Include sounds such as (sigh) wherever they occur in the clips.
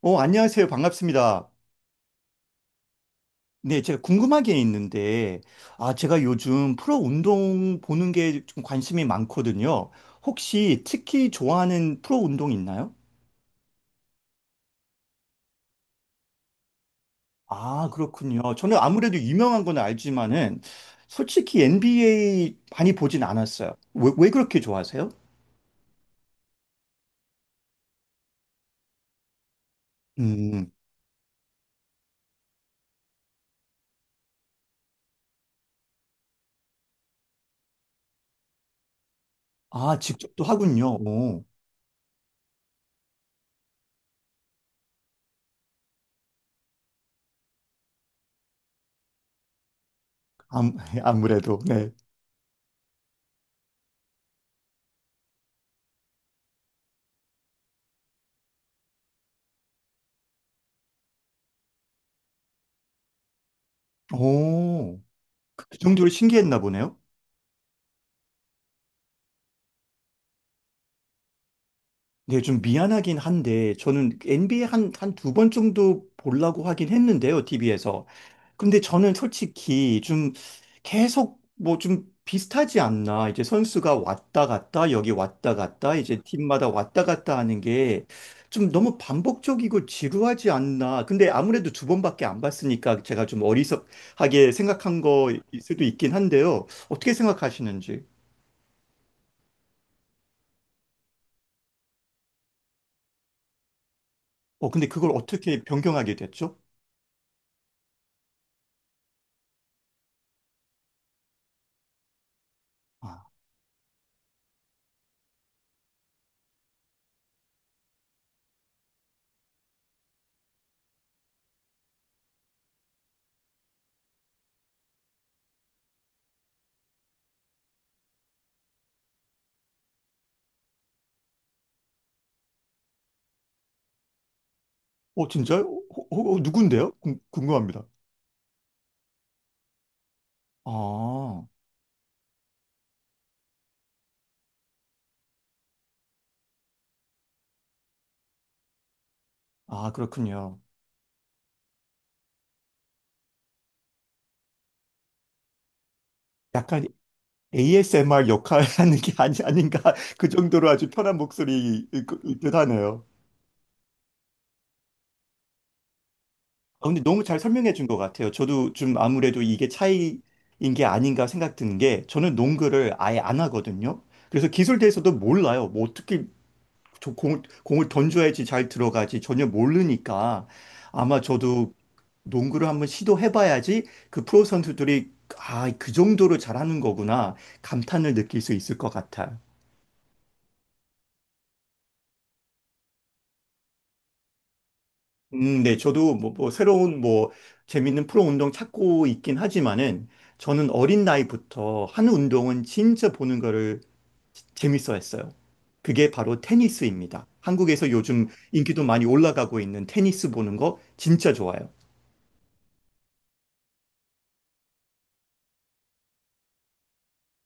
안녕하세요. 반갑습니다. 네, 제가 궁금한 게 있는데, 아, 제가 요즘 프로 운동 보는 게 좀 관심이 많거든요. 혹시 특히 좋아하는 프로 운동 있나요? 아, 그렇군요. 저는 아무래도 유명한 건 알지만은, 솔직히 NBA 많이 보진 않았어요. 왜 그렇게 좋아하세요? 음. 아, 직접도 하군요. 오, 아, (laughs) 아무래도, 네. 오, 그 정도로 신기했나 보네요. 네, 좀 미안하긴 한데, 저는 NBA 한 두 번 정도 보려고 하긴 했는데요, TV에서. 근데 저는 솔직히 좀 계속 뭐 좀 비슷하지 않나. 이제 선수가 왔다 갔다, 여기 왔다 갔다, 이제 팀마다 왔다 갔다 하는 게 좀 너무 반복적이고 지루하지 않나. 근데 아무래도 두 번밖에 안 봤으니까 제가 좀 어리석하게 생각한 거일 수도 있긴 한데요. 어떻게 생각하시는지. 근데 그걸 어떻게 변경하게 됐죠? 아. 진짜요? 누군데요? 궁금합니다. 아, 그렇군요. 약간 ASMR 역할 하는 게 아니, 아닌가. (laughs) 그 정도로 아주 편한 목소리일 일듯 하네요. 아, 근데 너무 잘 설명해 준 것 같아요. 저도 좀 아무래도 이게 차이인 게 아닌가 생각 드는 게 저는 농구를 아예 안 하거든요. 그래서 기술에 대해서도 몰라요. 뭐 어떻게 저 공을 던져야지 잘 들어가지 전혀 모르니까 아마 저도 농구를 한번 시도해봐야지 그 프로 선수들이 아, 그 정도로 잘하는 거구나 감탄을 느낄 수 있을 것 같아요. 네, 저도 뭐 새로운 뭐 재밌는 프로 운동 찾고 있긴 하지만은 저는 어린 나이부터 한 운동은 진짜 보는 거를 재밌어 했어요. 그게 바로 테니스입니다. 한국에서 요즘 인기도 많이 올라가고 있는 테니스 보는 거 진짜 좋아요.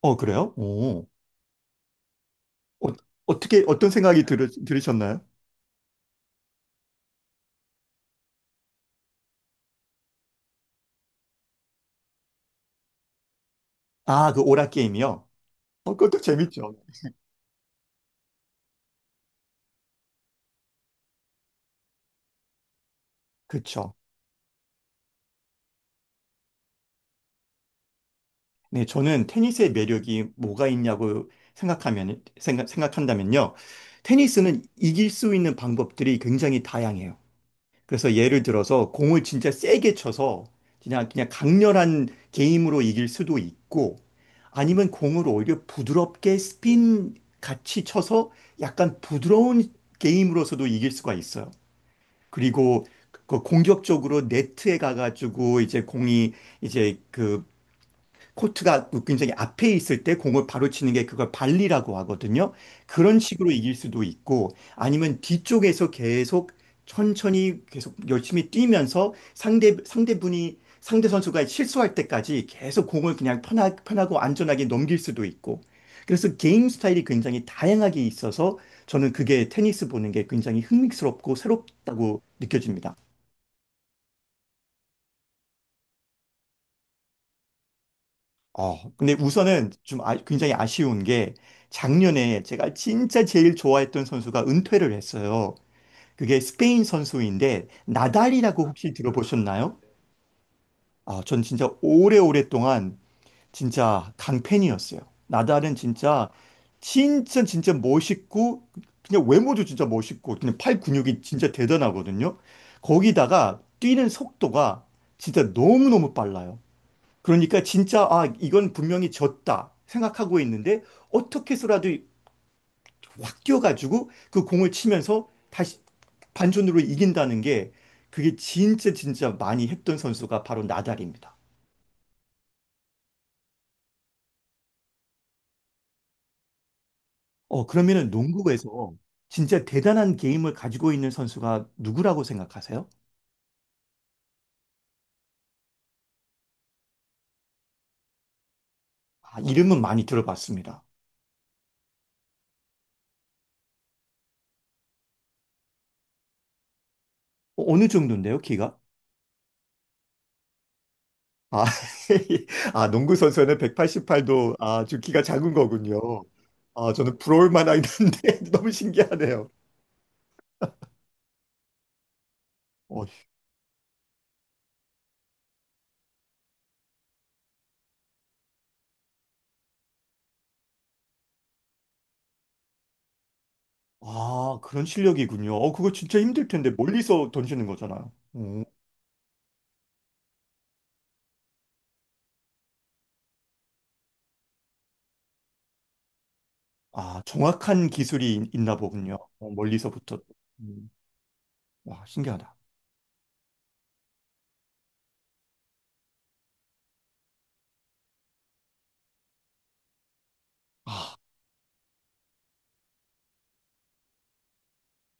어, 그래요? 오. 어, 어떻게 어떤 생각이 들으셨나요? 아, 그 오락 게임이요? 어, 그것도 재밌죠. 그쵸. 네, 저는 테니스의 매력이 뭐가 있냐고 생각한다면요. 테니스는 이길 수 있는 방법들이 굉장히 다양해요. 그래서 예를 들어서 공을 진짜 세게 쳐서 그냥 강렬한 게임으로 이길 수도 있고 아니면 공을 오히려 부드럽게 스핀 같이 쳐서 약간 부드러운 게임으로서도 이길 수가 있어요. 그리고 그 공격적으로 네트에 가가지고 이제 공이 이제 그 코트가 굉장히 앞에 있을 때 공을 바로 치는 게 그걸 발리라고 하거든요. 그런 식으로 이길 수도 있고 아니면 뒤쪽에서 계속 천천히 계속 열심히 뛰면서 상대 선수가 실수할 때까지 계속 공을 그냥 편하고 안전하게 넘길 수도 있고 그래서 게임 스타일이 굉장히 다양하게 있어서 저는 그게 테니스 보는 게 굉장히 흥미스럽고 새롭다고 느껴집니다. 근데 우선은 좀 굉장히 아쉬운 게 작년에 제가 진짜 제일 좋아했던 선수가 은퇴를 했어요. 그게 스페인 선수인데 나달이라고 혹시 들어보셨나요? 아, 전 진짜 오래오랫동안 진짜 강팬이었어요. 나달은 진짜 진짜 진짜 멋있고 그냥 외모도 진짜 멋있고 그냥 팔 근육이 진짜 대단하거든요. 거기다가 뛰는 속도가 진짜 너무너무 빨라요. 그러니까 진짜 아 이건 분명히 졌다 생각하고 있는데 어떻게 해서라도 확 뛰어가지고 그 공을 치면서 다시 반전으로 이긴다는 게 그게 진짜 진짜 많이 했던 선수가 바로 나달입니다. 그러면은 농구에서 진짜 대단한 게임을 가지고 있는 선수가 누구라고 생각하세요? 아, 이름은 많이 들어봤습니다. 어, 어느 정도인데요, 키가? 아, (laughs) 아, 농구 선수는 188도 아주 키가 작은 거군요. 아, 저는 부러울 만하긴 한데 (laughs) 너무 신기하네요. 어, 아, 그런 실력이군요. 어, 그거 진짜 힘들 텐데 멀리서 던지는 거잖아요. 아, 정확한 기술이 있나 보군요. 어, 멀리서부터. 음, 와, 신기하다.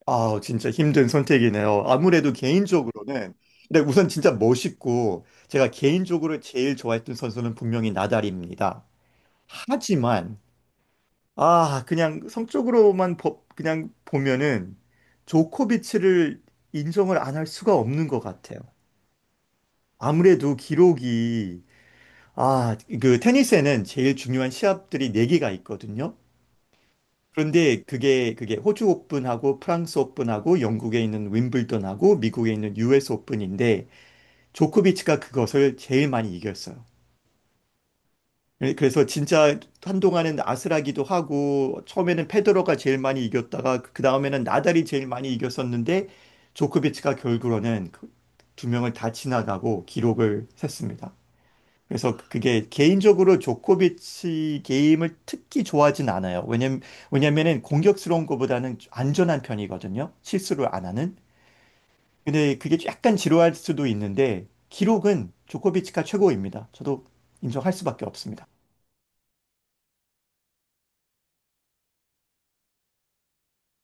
아, 진짜 힘든 선택이네요. 아무래도 개인적으로는 근데 우선 진짜 멋있고 제가 개인적으로 제일 좋아했던 선수는 분명히 나달입니다. 하지만 아, 그냥 성적으로만 그냥 보면은 조코비치를 인정을 안 할 수가 없는 것 같아요. 아무래도 기록이 아, 그 테니스에는 제일 중요한 시합들이 4개가 있거든요. 그런데 그게 호주 오픈하고 프랑스 오픈하고 영국에 있는 윈블던하고 미국에 있는 US 오픈인데 조코비치가 그것을 제일 많이 이겼어요. 예, 그래서 진짜 한동안은 아슬하기도 하고 처음에는 페데러가 제일 많이 이겼다가 그 다음에는 나달이 제일 많이 이겼었는데 조코비치가 결국으로는 그두 명을 다 지나가고 기록을 셌습니다. 그래서 그게 개인적으로 조코비치 게임을 특히 좋아하진 않아요. 왜냐면은 공격스러운 것보다는 안전한 편이거든요. 실수를 안 하는. 근데 그게 약간 지루할 수도 있는데 기록은 조코비치가 최고입니다. 저도 인정할 수밖에 없습니다.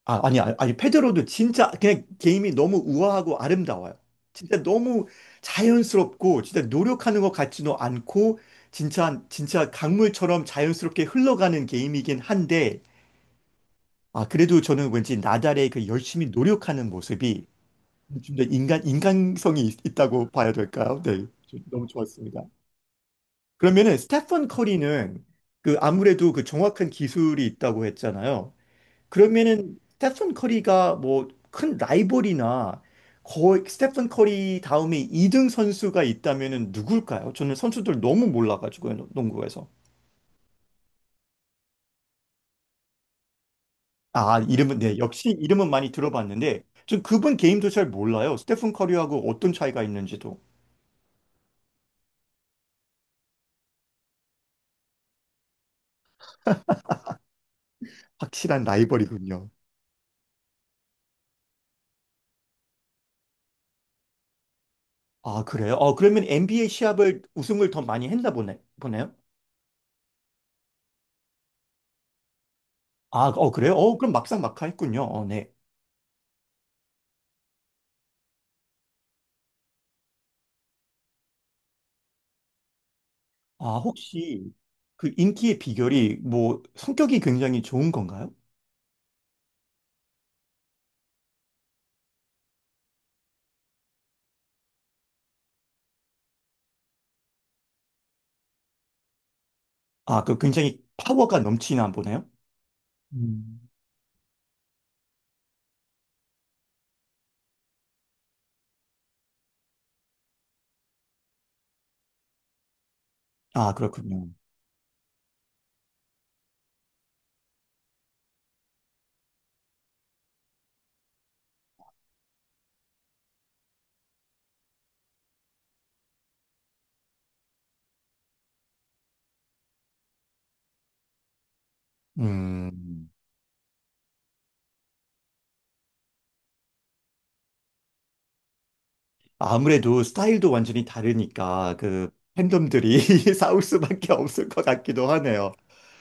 아, 아니, 아니, 아니, 페드로도 진짜 그냥 게임이 너무 우아하고 아름다워요. 진짜 너무 자연스럽고, 진짜 노력하는 것 같지도 않고, 진짜, 진짜 강물처럼 자연스럽게 흘러가는 게임이긴 한데, 아, 그래도 저는 왠지 나달의 그 열심히 노력하는 모습이 좀 더 인간성이 있, 다고 봐야 될까요? 네. 너무 좋았습니다. 그러면은, 스테판 커리는 그 아무래도 그 정확한 기술이 있다고 했잖아요. 그러면은 스테픈 커리가 뭐 큰 라이벌이나 거의 스테픈 커리 다음에 2등 선수가 있다면은 누굴까요? 저는 선수들 너무 몰라가지고요, 농구에서. 아, 이름은, 네, 역시 이름은 많이 들어봤는데, 전 그분 게임도 잘 몰라요. 스테픈 커리하고 어떤 차이가 있는지도. 확실한 라이벌이군요. 아, 그래요? 어, 그러면 NBA 시합을 우승을 더 많이 했나 보네요? 아, 어, 그래요? 어, 그럼 막상 막하 했군요. 어, 네. 아, 혹시 그 인기의 비결이 뭐 성격이 굉장히 좋은 건가요? 아, 그 굉장히 파워가 넘치나 보네요? 음. 아, 그렇군요. 음. 아무래도 스타일도 완전히 다르니까 그 팬덤들이 (laughs) 싸울 수밖에 없을 것 같기도 하네요.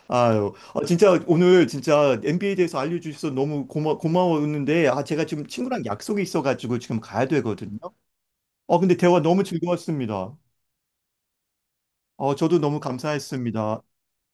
아유, 진짜 오늘 진짜 NBA에 대해서 알려주셔서 너무 고마웠는데, 아, 제가 지금 친구랑 약속이 있어가지고 지금 가야 되거든요. 근데 대화 너무 즐거웠습니다. 저도 너무 감사했습니다.